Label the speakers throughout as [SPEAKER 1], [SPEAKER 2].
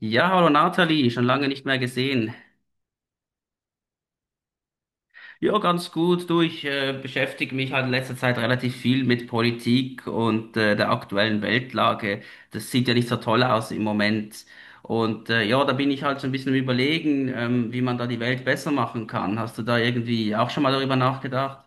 [SPEAKER 1] Ja, hallo Nathalie, schon lange nicht mehr gesehen. Ja, ganz gut. Du, ich beschäftige mich halt in letzter Zeit relativ viel mit Politik und der aktuellen Weltlage. Das sieht ja nicht so toll aus im Moment. Und ja, da bin ich halt so ein bisschen am Überlegen, wie man da die Welt besser machen kann. Hast du da irgendwie auch schon mal darüber nachgedacht?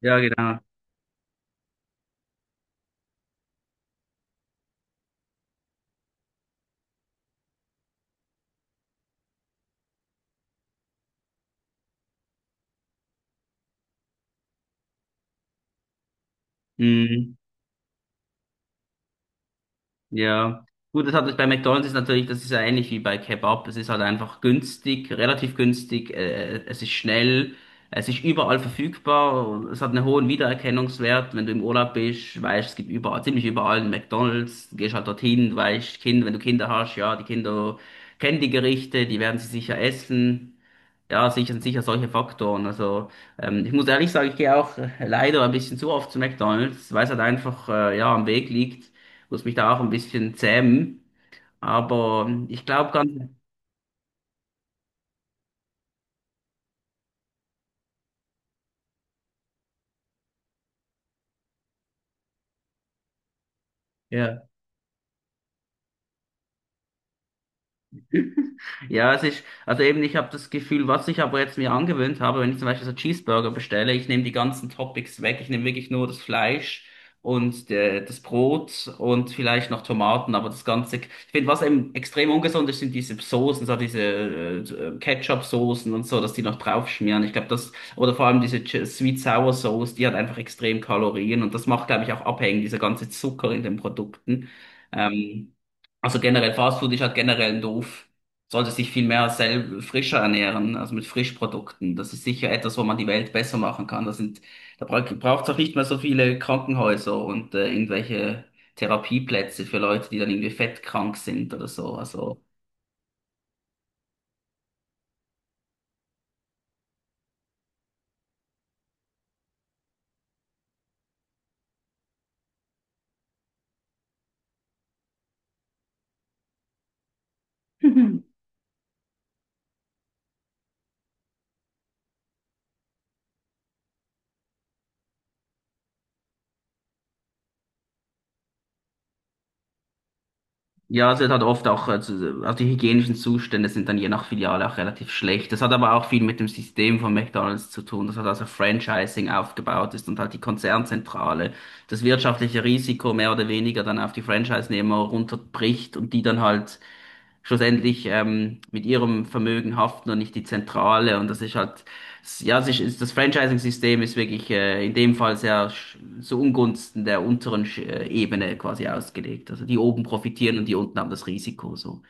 [SPEAKER 1] Ja, genau. Mhm. Ja, gut, das hat bei McDonald's ist natürlich, das ist ja ähnlich wie bei Kebab. Es ist halt einfach günstig, relativ günstig, es ist schnell, es ist überall verfügbar und es hat einen hohen Wiedererkennungswert. Wenn du im Urlaub bist, weißt, es gibt überall, ziemlich überall einen McDonald's. Du gehst halt dorthin, weißt, Kind, wenn du Kinder hast, ja, die Kinder kennen die Gerichte, die werden sie sicher essen. Ja, sicher, sicher solche Faktoren. Also ich muss ehrlich sagen, ich gehe auch leider ein bisschen zu oft zu McDonald's, weil es halt einfach ja am Weg liegt. Muss mich da auch ein bisschen zähmen. Aber ich glaube ganz, ja. Ja, es ist, also eben, ich habe das Gefühl, was ich aber jetzt mir angewöhnt habe, wenn ich zum Beispiel so Cheeseburger bestelle, ich nehme die ganzen Toppings weg, ich nehme wirklich nur das Fleisch und das Brot und vielleicht noch Tomaten, aber das Ganze, ich finde, was eben extrem ungesund ist, sind diese Soßen, so diese Ketchup-Soßen und so, dass die noch draufschmieren. Ich glaube, das, oder vor allem diese Sweet Sour Sauce, die hat einfach extrem Kalorien und das macht, glaube ich, auch abhängig, dieser ganze Zucker in den Produkten. Ähm, also generell Fastfood ist halt generell doof. Sollte sich viel mehr selber frischer ernähren, also mit Frischprodukten. Das ist sicher etwas, wo man die Welt besser machen kann. Das sind, da braucht es auch nicht mehr so viele Krankenhäuser und irgendwelche Therapieplätze für Leute, die dann irgendwie fettkrank sind oder so. Also Ja, also es wird halt oft auch, also die hygienischen Zustände sind dann je nach Filiale auch relativ schlecht. Das hat aber auch viel mit dem System von McDonald's zu tun, das hat also Franchising aufgebaut ist und halt die Konzernzentrale das wirtschaftliche Risiko mehr oder weniger dann auf die Franchise-Nehmer runterbricht und die dann halt schlussendlich mit ihrem Vermögen haften und nicht die Zentrale. Und das ist halt ja, es ist, das Franchising-System ist wirklich in dem Fall sehr zu Ungunsten der unteren Ebene quasi ausgelegt. Also die oben profitieren und die unten haben das Risiko so.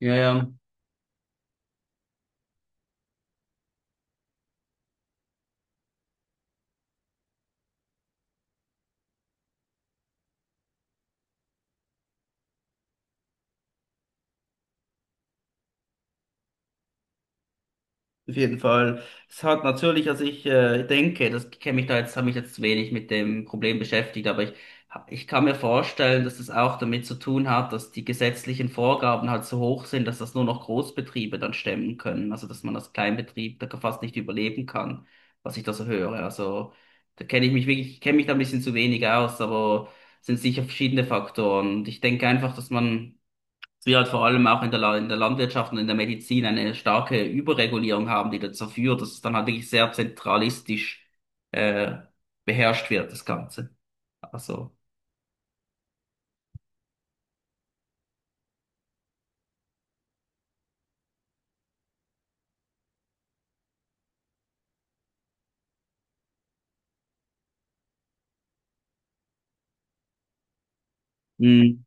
[SPEAKER 1] Ja, ja. Auf jeden Fall. Es hat natürlich, also ich denke, das kenne mich da jetzt, habe mich jetzt wenig mit dem Problem beschäftigt, aber ich kann mir vorstellen, dass das auch damit zu tun hat, dass die gesetzlichen Vorgaben halt so hoch sind, dass das nur noch Großbetriebe dann stemmen können. Also dass man als Kleinbetrieb da fast nicht überleben kann, was ich da so höre. Also da kenne ich mich wirklich, ich kenne mich da ein bisschen zu wenig aus, aber es sind sicher verschiedene Faktoren. Und ich denke einfach, dass man wir halt vor allem auch in der, in der Landwirtschaft und in der Medizin eine starke Überregulierung haben, die dazu führt, dass es dann halt wirklich sehr zentralistisch äh, beherrscht wird, das Ganze. Also. Mhm.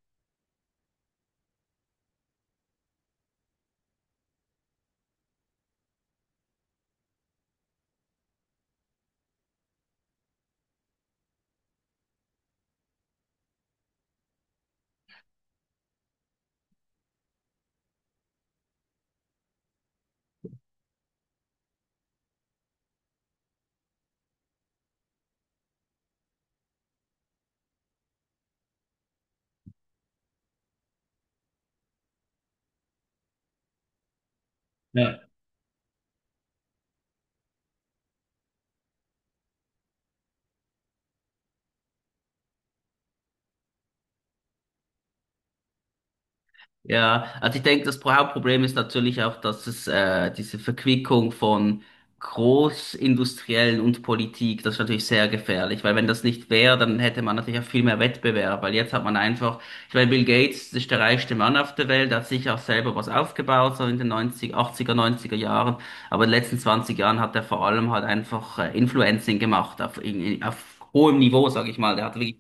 [SPEAKER 1] Ja, also ich denke, das Hauptproblem ist natürlich auch, dass es diese Verquickung von Großindustriellen und Politik, das ist natürlich sehr gefährlich, weil wenn das nicht wäre, dann hätte man natürlich auch viel mehr Wettbewerb, weil jetzt hat man einfach, ich meine, Bill Gates ist der reichste Mann auf der Welt, hat sich auch selber was aufgebaut, so in den 80er, 90er Jahren, aber in den letzten 20 Jahren hat er vor allem halt einfach Influencing gemacht auf hohem Niveau, sag ich mal, der hat wirklich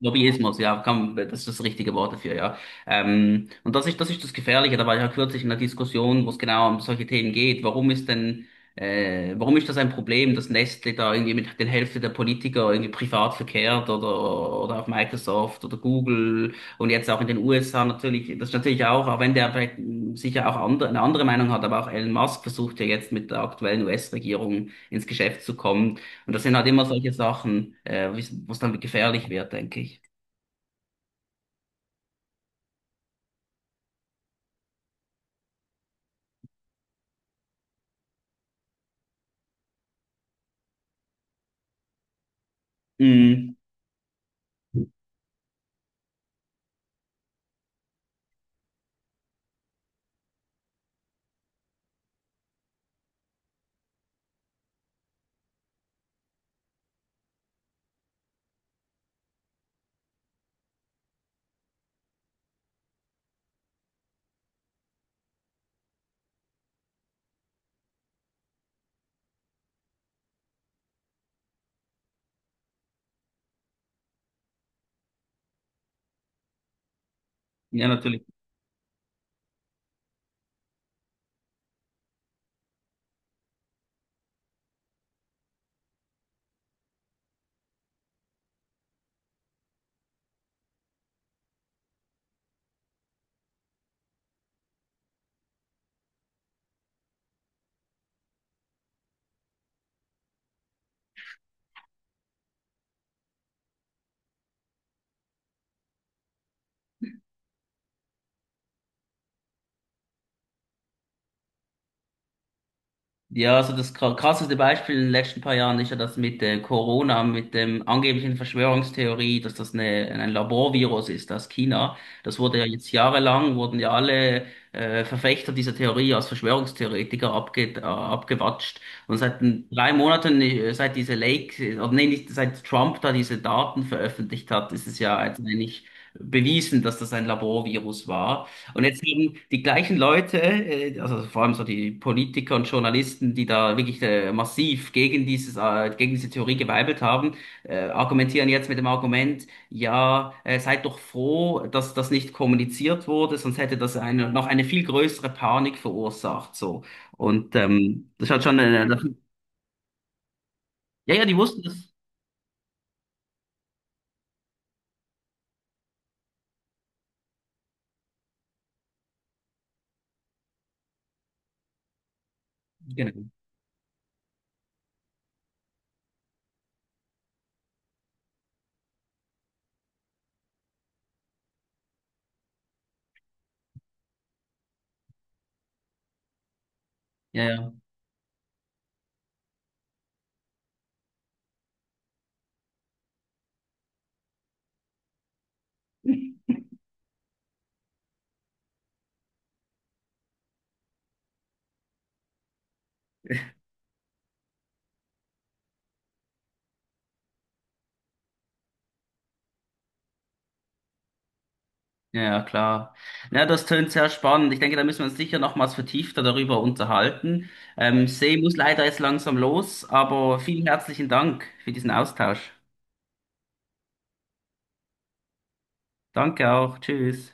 [SPEAKER 1] Lobbyismus, ja, komm, das ist das richtige Wort dafür, ja. Und das ist das Gefährliche, da war ich ja kürzlich in einer Diskussion, wo es genau um solche Themen geht. Warum ist denn, warum ist das ein Problem, dass Nestle da irgendwie mit der Hälfte der Politiker irgendwie privat verkehrt oder, auf Microsoft oder Google und jetzt auch in den USA natürlich, das ist natürlich auch, auch wenn der vielleicht sicher auch andere, eine andere Meinung hat, aber auch Elon Musk versucht ja jetzt mit der aktuellen US-Regierung ins Geschäft zu kommen. Und das sind halt immer solche Sachen, wo es dann gefährlich wird, denke ich. Mhm. Ja, natürlich. Ja, also das krasseste Beispiel in den letzten paar Jahren ist ja das mit Corona, mit dem angeblichen Verschwörungstheorie, dass das eine, ein Laborvirus ist aus China. Das wurde ja jetzt jahrelang, wurden ja alle Verfechter dieser Theorie als Verschwörungstheoretiker abgewatscht. Und seit den 3 Monaten, nee, nicht, seit Trump da diese Daten veröffentlicht hat, ist es ja jetzt eigentlich bewiesen, dass das ein Laborvirus war. Und jetzt haben die gleichen Leute, also vor allem so die Politiker und Journalisten, die da wirklich massiv gegen gegen diese Theorie geweibelt haben, argumentieren jetzt mit dem Argument, ja, seid doch froh, dass das nicht kommuniziert wurde, sonst hätte das eine, noch eine viel größere Panik verursacht, so. Und das hat schon, ja, ja, die wussten das, genau, ja, ja. Ja, ja, klar. Ja, das tönt sehr spannend. Ich denke, da müssen wir uns sicher nochmals vertiefter darüber unterhalten. See muss leider jetzt langsam los, aber vielen herzlichen Dank für diesen Austausch. Danke auch. Tschüss.